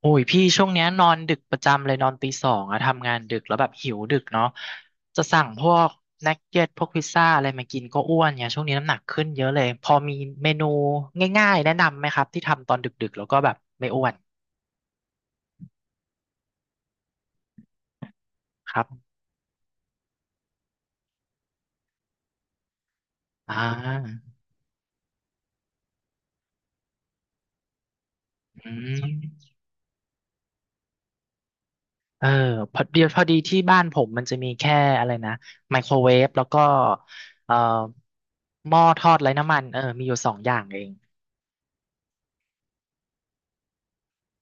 โอ้ยพี่ช่วงเนี้ยนอนดึกประจำเลยนอนตี 2อะทำงานดึกแล้วแบบหิวดึกเนาะจะสั่งพวกนักเก็ตพวกพิซซ่าอะไรมากินก็อ้วนเนี่ยช่วงนี้น้ำหนักขึ้นเยอะเลยพอมีเมนูง่ายๆแนะนำไหมครับที่ทำตอนดึกๆแล้วก็แบบไม่อ้วนครับอ่าอืมเออพอดีที่บ้านผมมันจะมีแค่อะไรนะไมโครเวฟแล้วก็เอ่อหม้อทอดไร้น้ำมันเออมีอยู่2 อย่างเอง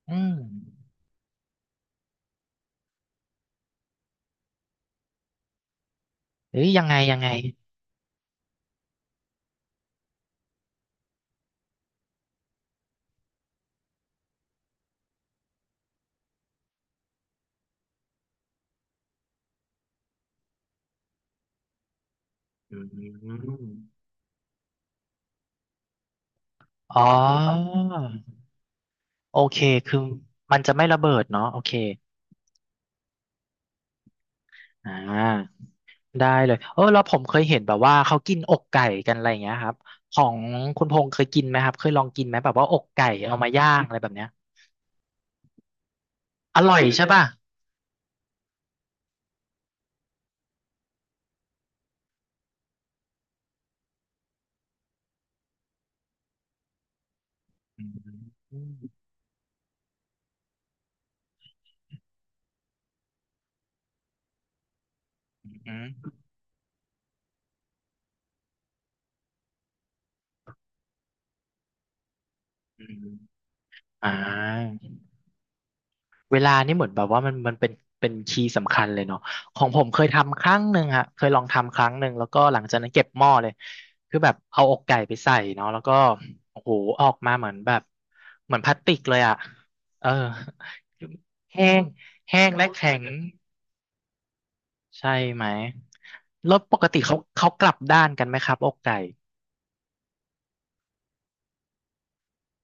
อืมเอ้ยยังไงยังไงอืม อ๋อโอเคคือมันจะไม่ระเบิดเนาะโอเคอ่าได้เลยเออแล้วผมเคยเห็นแบบว่าเขากินอกไก่กันอะไรอย่างเงี้ยครับของคุณพงษ์เคยกินไหมครับเคยลองกินไหมแบบว่าอกไก่เอามาย่างอะไรแบบเนี้ยอร่อยใช่ป่ะอืมอืมอืมอ่า เวลานี่เหมือนแบบว่ามันเป็นเป็นคีย์สำคัญเลยเนาะของผมเคยทำครั้งหนึ่งฮะเคยลองทำครั้งหนึ่งแล้วก็หลังจากนั้นเก็บหม้อเลยคือแบบเอาอกไก่ไปใส่เนาะแล้วก็โอ้โหออกมาเหมือนแบบเหมือนพลาสติกเลยอ่ะเออแห้งแห้งและแข็งใช่ไหมแล้วปกติเขากลับด้านกันไหมครับอกไก่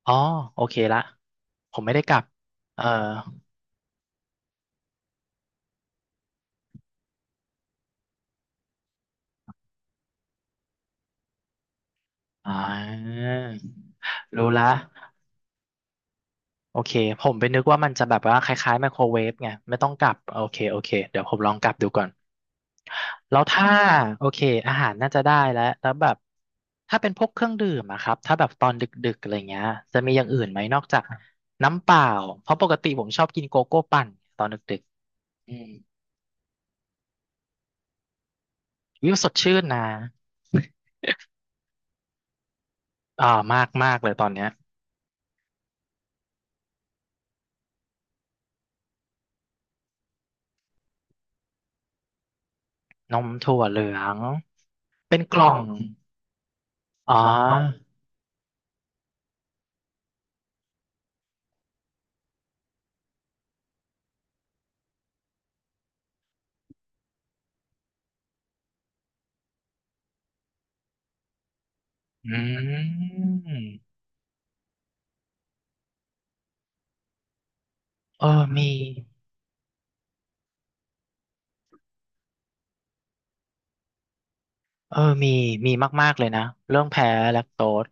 อ๋อโอเคละผมไม่ได้กลับเอออ่ารู้ละ โอเคผมไปนึกว่ามันจะแบบว่าคล้ายๆไมโครเวฟไงไม่ต้องกลับโอเคโอเคเดี๋ยวผมลองกลับดูก่อนแล้วถ้าโอเคอาหารน่าจะได้แล้วแล้วแบบถ้าเป็นพวกเครื่องดื่มอะครับถ้าแบบตอนดึกๆอะไรเงี้ยจะมีอย่างอื่นไหมนอกจากน้ำเปล่าเพราะปกติผมชอบกินโกโก้ปั่นตอนดึกๆอืมวิวสดชื่นนะอ่ามากมากเลยตอนเนี้ยนมถั่วเหลืองเป็นกล่องอ๋ออืมเออมี เออมีมีมากๆเลยนะ เรื่องแพ้แลคโตส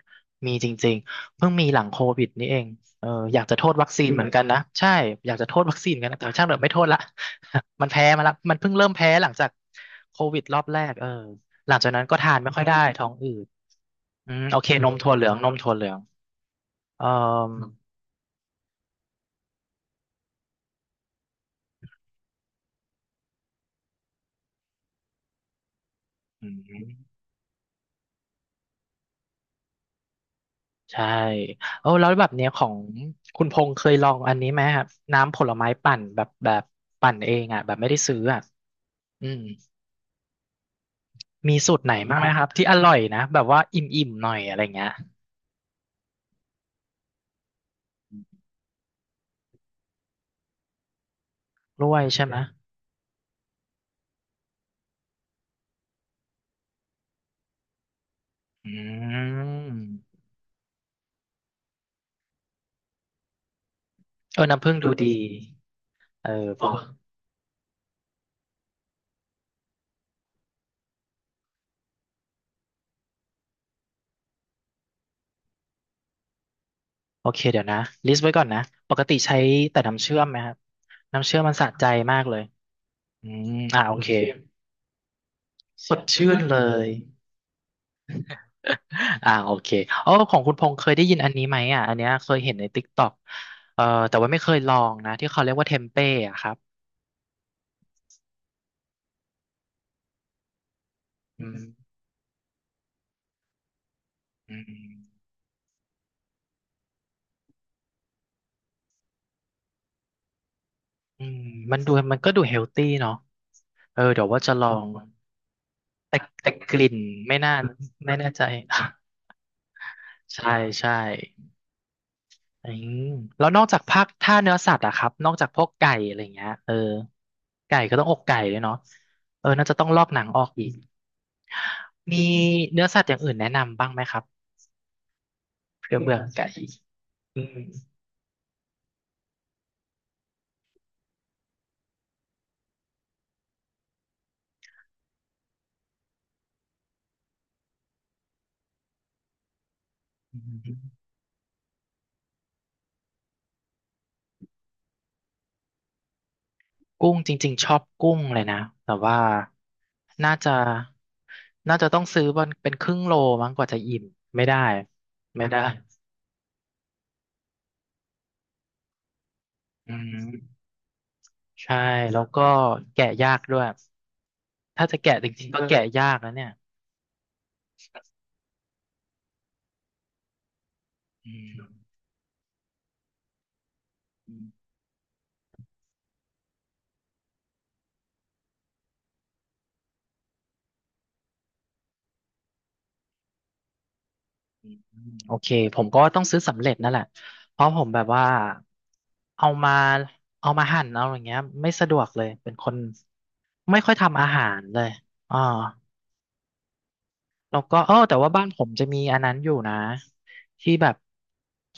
มีจริงๆเพิ่งมีหลังโควิดนี่เองเอออยากจะโทษวัคซีนเหมือนกันนะ ใช่ อยากจะโทษวัคซีนกันนะแต่ช่างเถอะไม่โทษละ มันแพ้มาละมันเพิ่งเริ่มแพ้หลังจากโควิดรอบแรกเออหลังจากนั้นก็ทานไม่ค่อยได้ท้องอืดอืมโอเค นมถั่วเหลือง นมถั่วเหลืองเอออืมใช่เออแล้วแบบเนี้ยของคุณพงษ์เคยลองอันนี้ไหมครับน้ำผลไม้ปั่นแบบแบบปั่นเองอ่ะแบบไม่ได้ซื้ออ่ะอืม มีสูตรไหนบ้างไหมครับที่อร่อยนะแบบว่าอิ่มๆหน่อยอะไรเงี้ยกล้วยใช่ไหมอืมเออน้ำผึ้งดูดีเออพอโอเคเดี๋ยวนะลิสต์ไว้ก่อนนะปกติใช้แต่น้ำเชื่อมไหมครับน้ำเชื่อมมันสะใจมากเลยโอเคสดชื่นเลยโอเคอ๋อของคุณพงษ์เคยได้ยินอันนี้ไหมอ่ะอันเนี้ยเคยเห็นในติ๊กต็อกเอ่อแต่ว่าไม่เคยลองนะที่เขาเรียกว่าเทมเป้อะครับอืมอืม อืมมันดูมันก็ดูเฮลตี้เนาะเออเดี๋ยวว่าจะลองแต่แต่กลิ่นไม่น่าไม่แน่ใจ ใช่ใช่อืมแล้วนอกจากภาคถ้าเนื้อสัตว์อะครับนอกจากพวกไก่อะไรเงี้ยเออไก่ก็ต้องอกไก่ด้วยเนาะเออน่าจะต้องลอกหนังออกอีกมีเนื้อสัตว์อย่างอื่นแนะนำบ้างไหมครับเพื่อเบื่อไก่ กุ้งจริงๆชอบกุ้งเลยนะแต่ว่าน่าจะน่าจะต้องซื้อวันเป็นครึ่งโลมั้งกว่าจะอิ่มไม่ได้ไม่ได้อืมใช่แล้วก็แกะยากด้วยถ้าจะแกะจริงๆก็แกะยากแล้วเนี่ยอืมโอเคผมก็ต้องซื้อสำเร็จนั่นแหละเพราะผมแบบว่าเอามาเอามาหั่นเอาอย่างเงี้ยไม่สะดวกเลยเป็นคนไม่ค่อยทำอาหารเลยอ่า แล้วก็เออแต่ว่าบ้านผมจะมีอันนั้นอยู่นะที่แบบ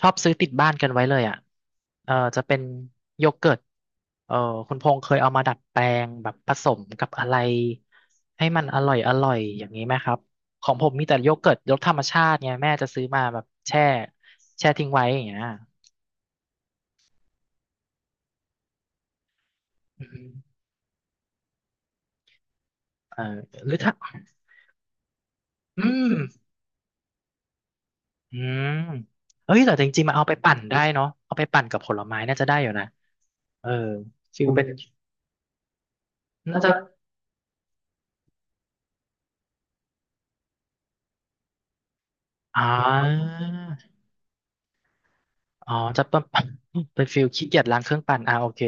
ชอบซื้อติดบ้านกันไว้เลยอ่ะเออจะเป็นโยเกิร์ตเออคุณพงษ์เคยเอามาดัดแปลงแบบผสมกับอะไรให้มันอร่อยอร่อยอย่างนี้ไหมครับของผมมีแต่โยเกิร์ตรสธรรมชาติไงแม่จะซื้อมาแบบแช่แช่ทิ้งไว้อย่างเงี้ยอืมเออหรือถ้าอืมอืมเอ้ยแต่จริงๆมาเอาไปปั่นได้เนาะเอาไปปั่นกับผลไม้น่าจะได้อยู่นะเออฟิลเป็นน่าจะ อ่าอ๋อ จะเป็น เป็นฟิลขี้เกียจล้างเครื่องปั่นอ่าโอเค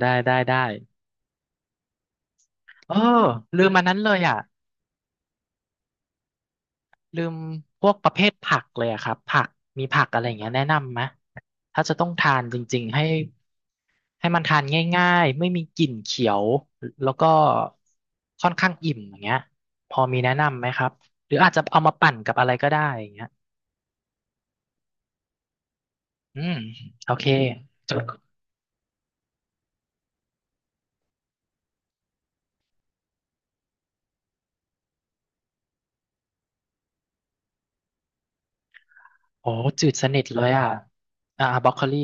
ได้ได้ได้เออลืมอันนั้นเลยอ่ะลืมพวกประเภทผักเลยอะครับผักมีผักอะไรอย่างเงี้ยแนะนำไหม ถ้าจะต้องทานจริงๆให้ ให้มันทานง่ายๆ ไม่มีกลิ่นเขียวแล้วก็ค่อนข้างอิ่มอย่างเงี้ยพอมีแนะนำไหมครับ หรืออาจจะเอามาปั่นกับอะไรก็ได้อย่างเงี้ยอืมโอเคจดโอ้จืดสนิทเลยอ่ะอ่าบรอกโคลี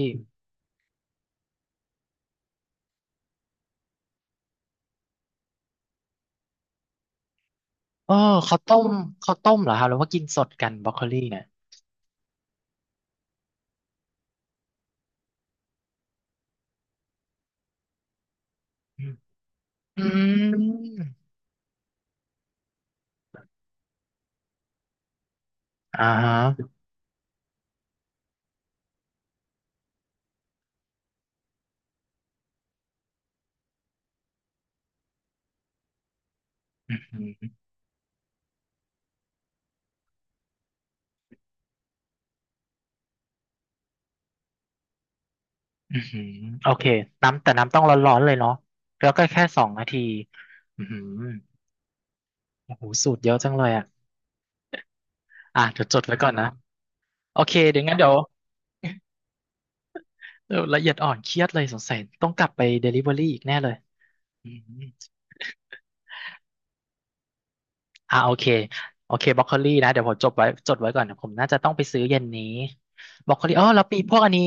เออเขาต้มเขาต้มเหรอครับหรือว่ากินสดกันบรอกโคลี่เนี่ยอืมอืมอ่าฮะอืมอืมโอเค น้ำแต่น้ำต้องร้อนๆเลยเนาะแล้วก็แค่2 นาทีอืมโอ้โหสูตรเยอะจังเลยอ่ะอ่ะเดี๋ยวจดไว้ก่อนนะ โอเค เดี๋ยวงั้นเดี๋ยวเดี๋ยวละเอียดอ่อนเครียดเลยสงสัย ต้องกลับไปเดลิเวอรี่อีกแน่เลยอืม อ่าโอเคโอเคบรอกโคลีนะเดี๋ยวผมจดไว้ก่อนผมน่าจะต้องไปซื้อเย็นนี้บรอกโคลีอ๋อแล้วปีพวกอันนี้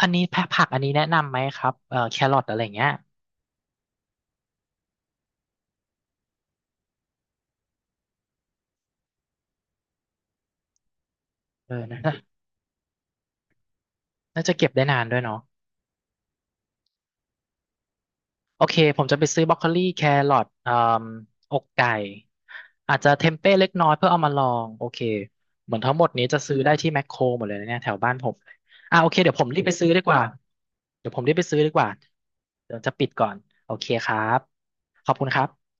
อันนี้แพะผักอันนี้แนะนำไหมครับแครอทอะไรอย่างเงี้ยเออนะน่าน่าจะเก็บได้นานด้วยเนาะโอเคผมจะไปซื้อบรอกโคลีแครอทอกไก่อาจจะเทมเป้เล็กน้อยเพื่อเอามาลองโอเคเหมือนทั้งหมดนี้จะซื้อได้ที่แมคโครหมดเลยนะเนี่ยแถวบ้านผมอ่าโอเคเดี๋ยวผมรีบไปซื้อดีกว่าเดี๋ยวผมรีบไปซื้อดีกว่าเดี๋ยวจะปิดก่อนโอเคครับขอบคุณครับ